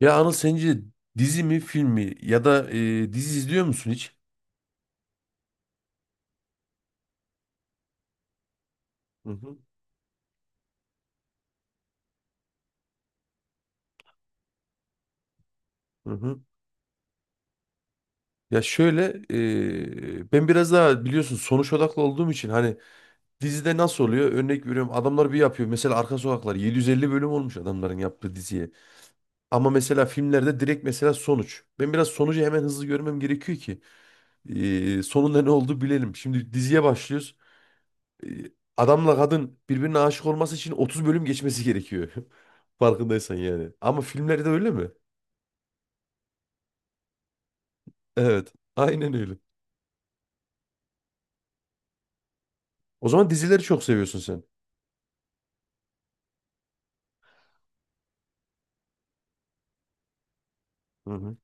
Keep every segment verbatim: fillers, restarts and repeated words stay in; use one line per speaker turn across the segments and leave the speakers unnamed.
Ya Anıl sence dizi mi film mi ya da e, dizi izliyor musun hiç? Hı hı. Hı hı. Ya şöyle, e, ben biraz daha biliyorsun sonuç odaklı olduğum için hani dizide nasıl oluyor? Örnek veriyorum adamlar bir yapıyor. Mesela Arka Sokaklar yedi yüz elli bölüm olmuş adamların yaptığı diziye. Ama mesela filmlerde direkt mesela sonuç. Ben biraz sonucu hemen hızlı görmem gerekiyor ki e, sonunda ne oldu bilelim. Şimdi diziye başlıyoruz. e, Adamla kadın birbirine aşık olması için otuz bölüm geçmesi gerekiyor. Farkındaysan yani. Ama filmlerde öyle mi? Evet. Aynen öyle. O zaman dizileri çok seviyorsun sen. Hı hı.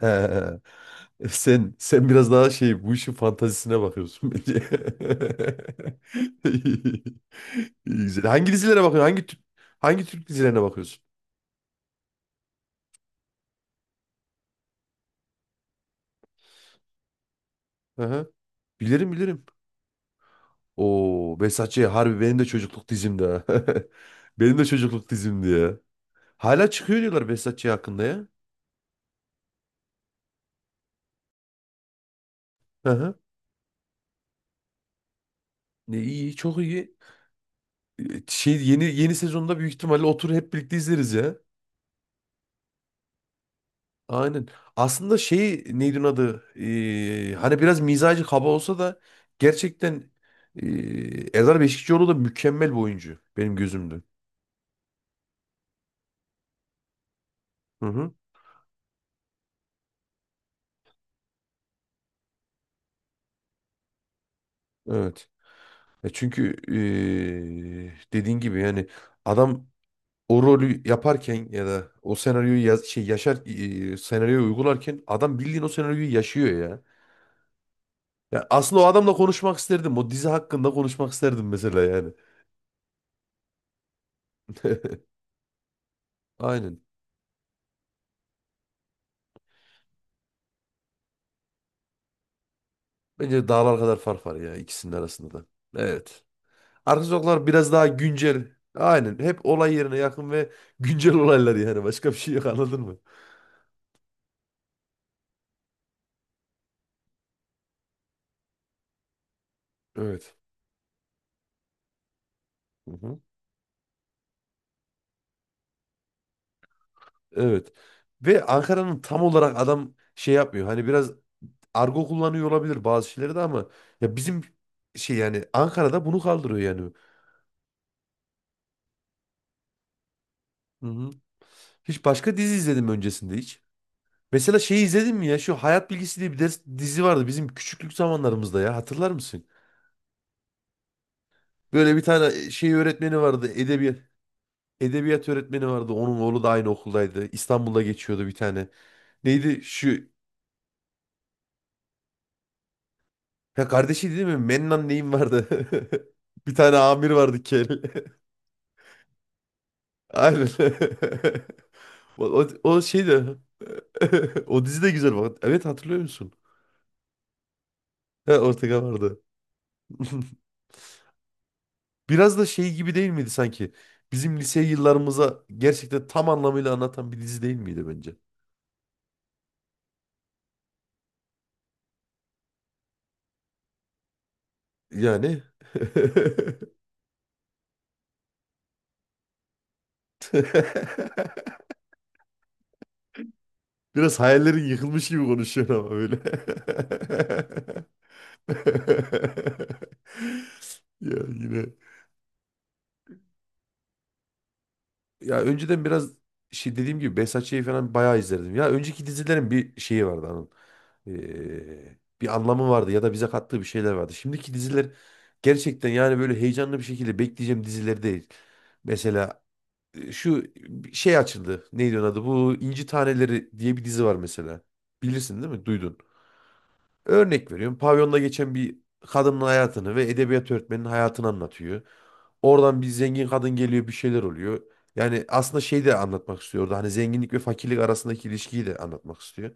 He, sen sen biraz daha şey bu işin fantazisine bakıyorsun bence. İyi, güzel. Hangi dizilere bakıyorsun? Hangi tür- hangi Türk dizilerine bakıyorsun? Hı hı. Bilirim bilirim. Oo, Behzat Ç. harbi benim de çocukluk dizimdi ha. Benim de çocukluk dizimdi ya. Hala çıkıyor diyorlar Behzatçı hakkında ya. Hı hı. Ne iyi, çok iyi. E, şey yeni yeni sezonda büyük ihtimalle otur hep birlikte izleriz ya. Aynen. Aslında şey neydi onun adı? E, hani biraz mizacı kaba olsa da gerçekten e, Erdal Beşikçioğlu da mükemmel bir oyuncu benim gözümde. Hı hı. Evet. E çünkü e, dediğin gibi yani adam o rolü yaparken ya da o senaryoyu yaz, şey yaşar, e, senaryoyu uygularken adam bildiğin o senaryoyu yaşıyor ya. Ya aslında o adamla konuşmak isterdim. O dizi hakkında konuşmak isterdim mesela yani. Aynen. Bence dağlar kadar fark var ya ikisinin arasında da. Evet. Arka sokaklar biraz daha güncel. Aynen. Hep olay yerine yakın ve güncel olaylar yani. Başka bir şey yok anladın mı? Evet. Hı-hı. Evet. Ve Ankara'nın tam olarak adam şey yapmıyor. Hani biraz argo kullanıyor olabilir bazı şeyleri de ama ya bizim şey yani Ankara'da bunu kaldırıyor yani. Hı-hı. Hiç başka dizi izledim öncesinde hiç. Mesela şeyi izledin mi ya? Şu Hayat Bilgisi diye bir ders, dizi vardı bizim küçüklük zamanlarımızda ya. Hatırlar mısın? Böyle bir tane e, şey öğretmeni vardı. Edebiyat edebiyat öğretmeni vardı. Onun oğlu da aynı okuldaydı. İstanbul'da geçiyordu bir tane. Neydi şu? Ya kardeşi değil mi? Mennan neyim vardı? Bir tane amir vardı kel. Aynen. O, o, o şey de o dizi de güzel bak. Evet hatırlıyor musun? Ha, Ortega vardı. Biraz da şey gibi değil miydi sanki? Bizim lise yıllarımıza gerçekten tam anlamıyla anlatan bir dizi değil miydi bence? Yani biraz hayallerin yıkılmış gibi konuşuyorsun ama öyle. Ya yine. Ya önceden biraz şey dediğim gibi Behzatçı'yı falan bayağı izlerdim. Ya önceki dizilerin bir şeyi vardı onun. Ee, bir anlamı vardı ya da bize kattığı bir şeyler vardı. Şimdiki diziler gerçekten yani böyle heyecanlı bir şekilde bekleyeceğim diziler değil. Mesela e, şu şey açıldı. Neydi onun adı? Bu İnci Taneleri diye bir dizi var mesela. Bilirsin değil mi? Duydun. Örnek veriyorum. Pavyonda geçen bir kadının hayatını ve edebiyat öğretmeninin hayatını anlatıyor. Oradan bir zengin kadın geliyor bir şeyler oluyor. Yani aslında şey de anlatmak istiyor orada. Hani zenginlik ve fakirlik arasındaki ilişkiyi de anlatmak istiyor.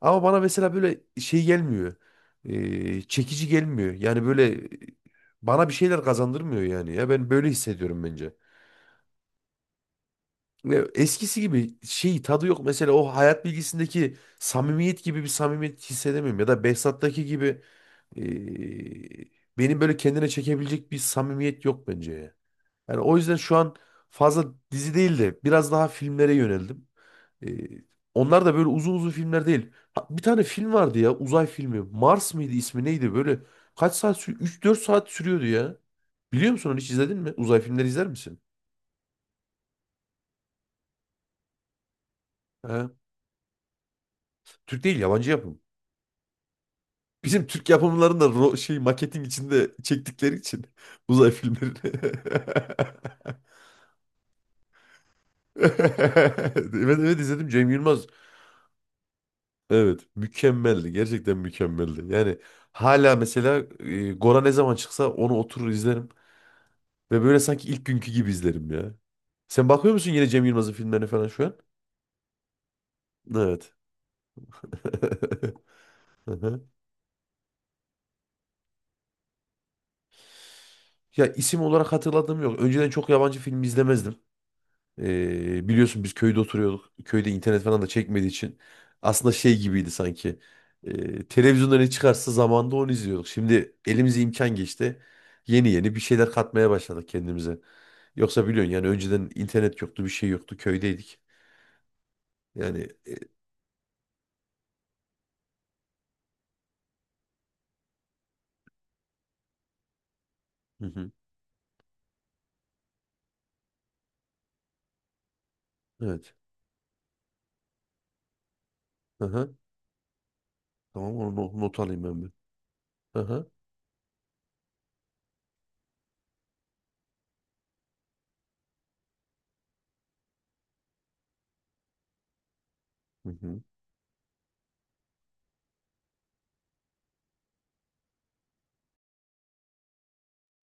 Ama bana mesela böyle şey gelmiyor. Ee, çekici gelmiyor. Yani böyle, e, bana bir şeyler kazandırmıyor yani ya. Ben böyle hissediyorum bence. Ve eskisi gibi şey tadı yok. Mesela o hayat bilgisindeki samimiyet gibi bir samimiyet hissedemiyorum. Ya da Behzat'taki gibi, ee, benim böyle kendine çekebilecek bir samimiyet yok bence ya. Yani o yüzden şu an fazla dizi değil de biraz daha filmlere yöneldim. Ee, Onlar da böyle uzun uzun filmler değil. Ha, bir tane film vardı ya uzay filmi. Mars mıydı ismi neydi böyle kaç saat sürüyor? üç dört saat sürüyordu ya. Biliyor musun onu hiç izledin mi? Uzay filmleri izler misin? Ha? Türk değil yabancı yapım. Bizim Türk yapımlarında ro- şey maketin içinde çektikleri için uzay filmleri. Evet evet izledim Cem Yılmaz. Evet mükemmeldi gerçekten mükemmeldi. Yani hala mesela e, Gora ne zaman çıksa onu oturur izlerim. Ve böyle sanki ilk günkü gibi izlerim ya. Sen bakıyor musun yine Cem Yılmaz'ın filmlerine falan şu an? Evet. Hı hı. Ya isim olarak hatırladığım yok. Önceden çok yabancı film izlemezdim. Ee, biliyorsun biz köyde oturuyorduk. Köyde internet falan da çekmediği için aslında şey gibiydi sanki. Ee, televizyonda ne çıkarsa zamanda onu izliyorduk. Şimdi elimize imkan geçti. Yeni yeni bir şeyler katmaya başladık kendimize. Yoksa biliyorsun yani önceden internet yoktu, bir şey yoktu. Köydeydik. Yani e, hı hı, evet. Hı hı. Tamam onu no- not alayım ben bir. Hı hı. Hı hı.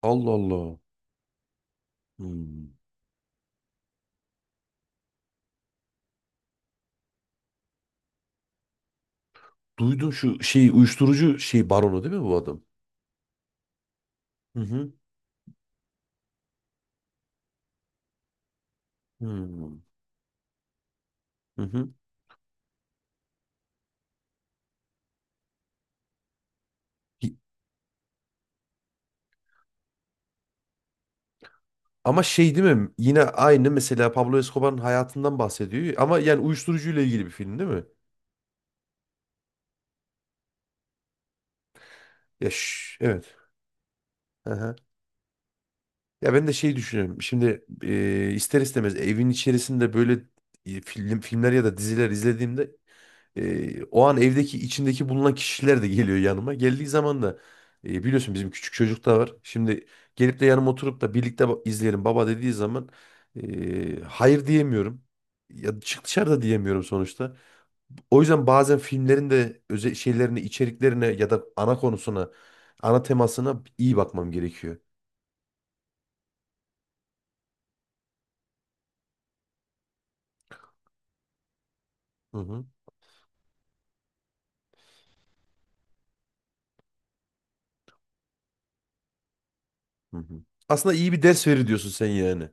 Allah Allah. Hmm. Duydum şu şey uyuşturucu şey baronu değil mi bu adam? Hı hı. Hmm. Hı hı. Ama şey değil mi? Yine aynı mesela Pablo Escobar'ın hayatından bahsediyor. Ama yani uyuşturucuyla ilgili bir film değil mi? Ya şş, evet. Aha. Ya ben de şey düşünüyorum. Şimdi e, ister istemez evin içerisinde böyle, e, film, filmler ya da diziler izlediğimde e, o an evdeki içindeki bulunan kişiler de geliyor yanıma. Geldiği zaman da e, biliyorsun bizim küçük çocuk da var. Şimdi gelip de yanıma oturup da birlikte ba- izleyelim baba dediği zaman e, hayır diyemiyorum. Ya çık dışarıda diyemiyorum sonuçta. O yüzden bazen filmlerin de özel şeylerine, içeriklerine ya da ana konusuna, ana temasına iyi bakmam gerekiyor. Hı hı. Hı hı. Aslında iyi bir ders verir diyorsun sen yani.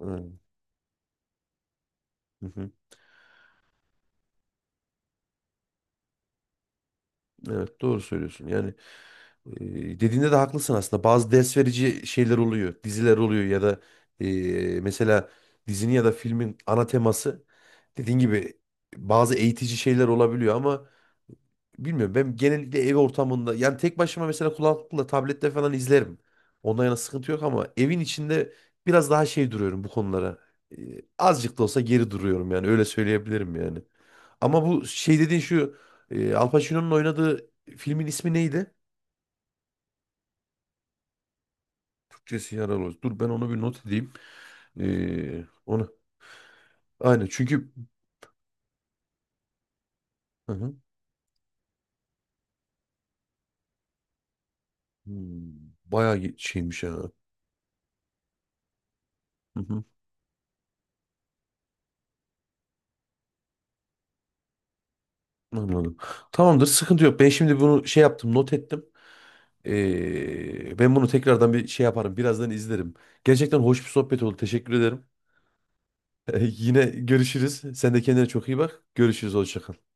Hı hı. Hı. Evet doğru söylüyorsun. Yani, e, dediğinde de haklısın aslında. Bazı ders verici şeyler oluyor, diziler oluyor ya da e, mesela dizinin ya da filmin ana teması dediğin gibi bazı eğitici şeyler olabiliyor ama bilmiyorum ben genellikle ev ortamında yani tek başıma mesela kulaklıkla tablette falan izlerim. Ondan yana sıkıntı yok ama evin içinde biraz daha şey duruyorum bu konulara. Ee, azıcık da olsa geri duruyorum yani öyle söyleyebilirim yani. Ama bu şey dediğin şu e, Al Pacino'nun oynadığı filmin ismi neydi? Türkçesi yaralı. Dur ben onu bir not edeyim. Ee, onu aynen çünkü hı hı. Hmm, bayağı şeymiş ya. Hı hı, anladım. Tamamdır sıkıntı yok. Ben şimdi bunu şey yaptım not ettim. Ee, ben bunu tekrardan bir şey yaparım. Birazdan izlerim. Gerçekten hoş bir sohbet oldu. Teşekkür ederim. Yine görüşürüz. Sen de kendine çok iyi bak. Görüşürüz. Hoşça kal.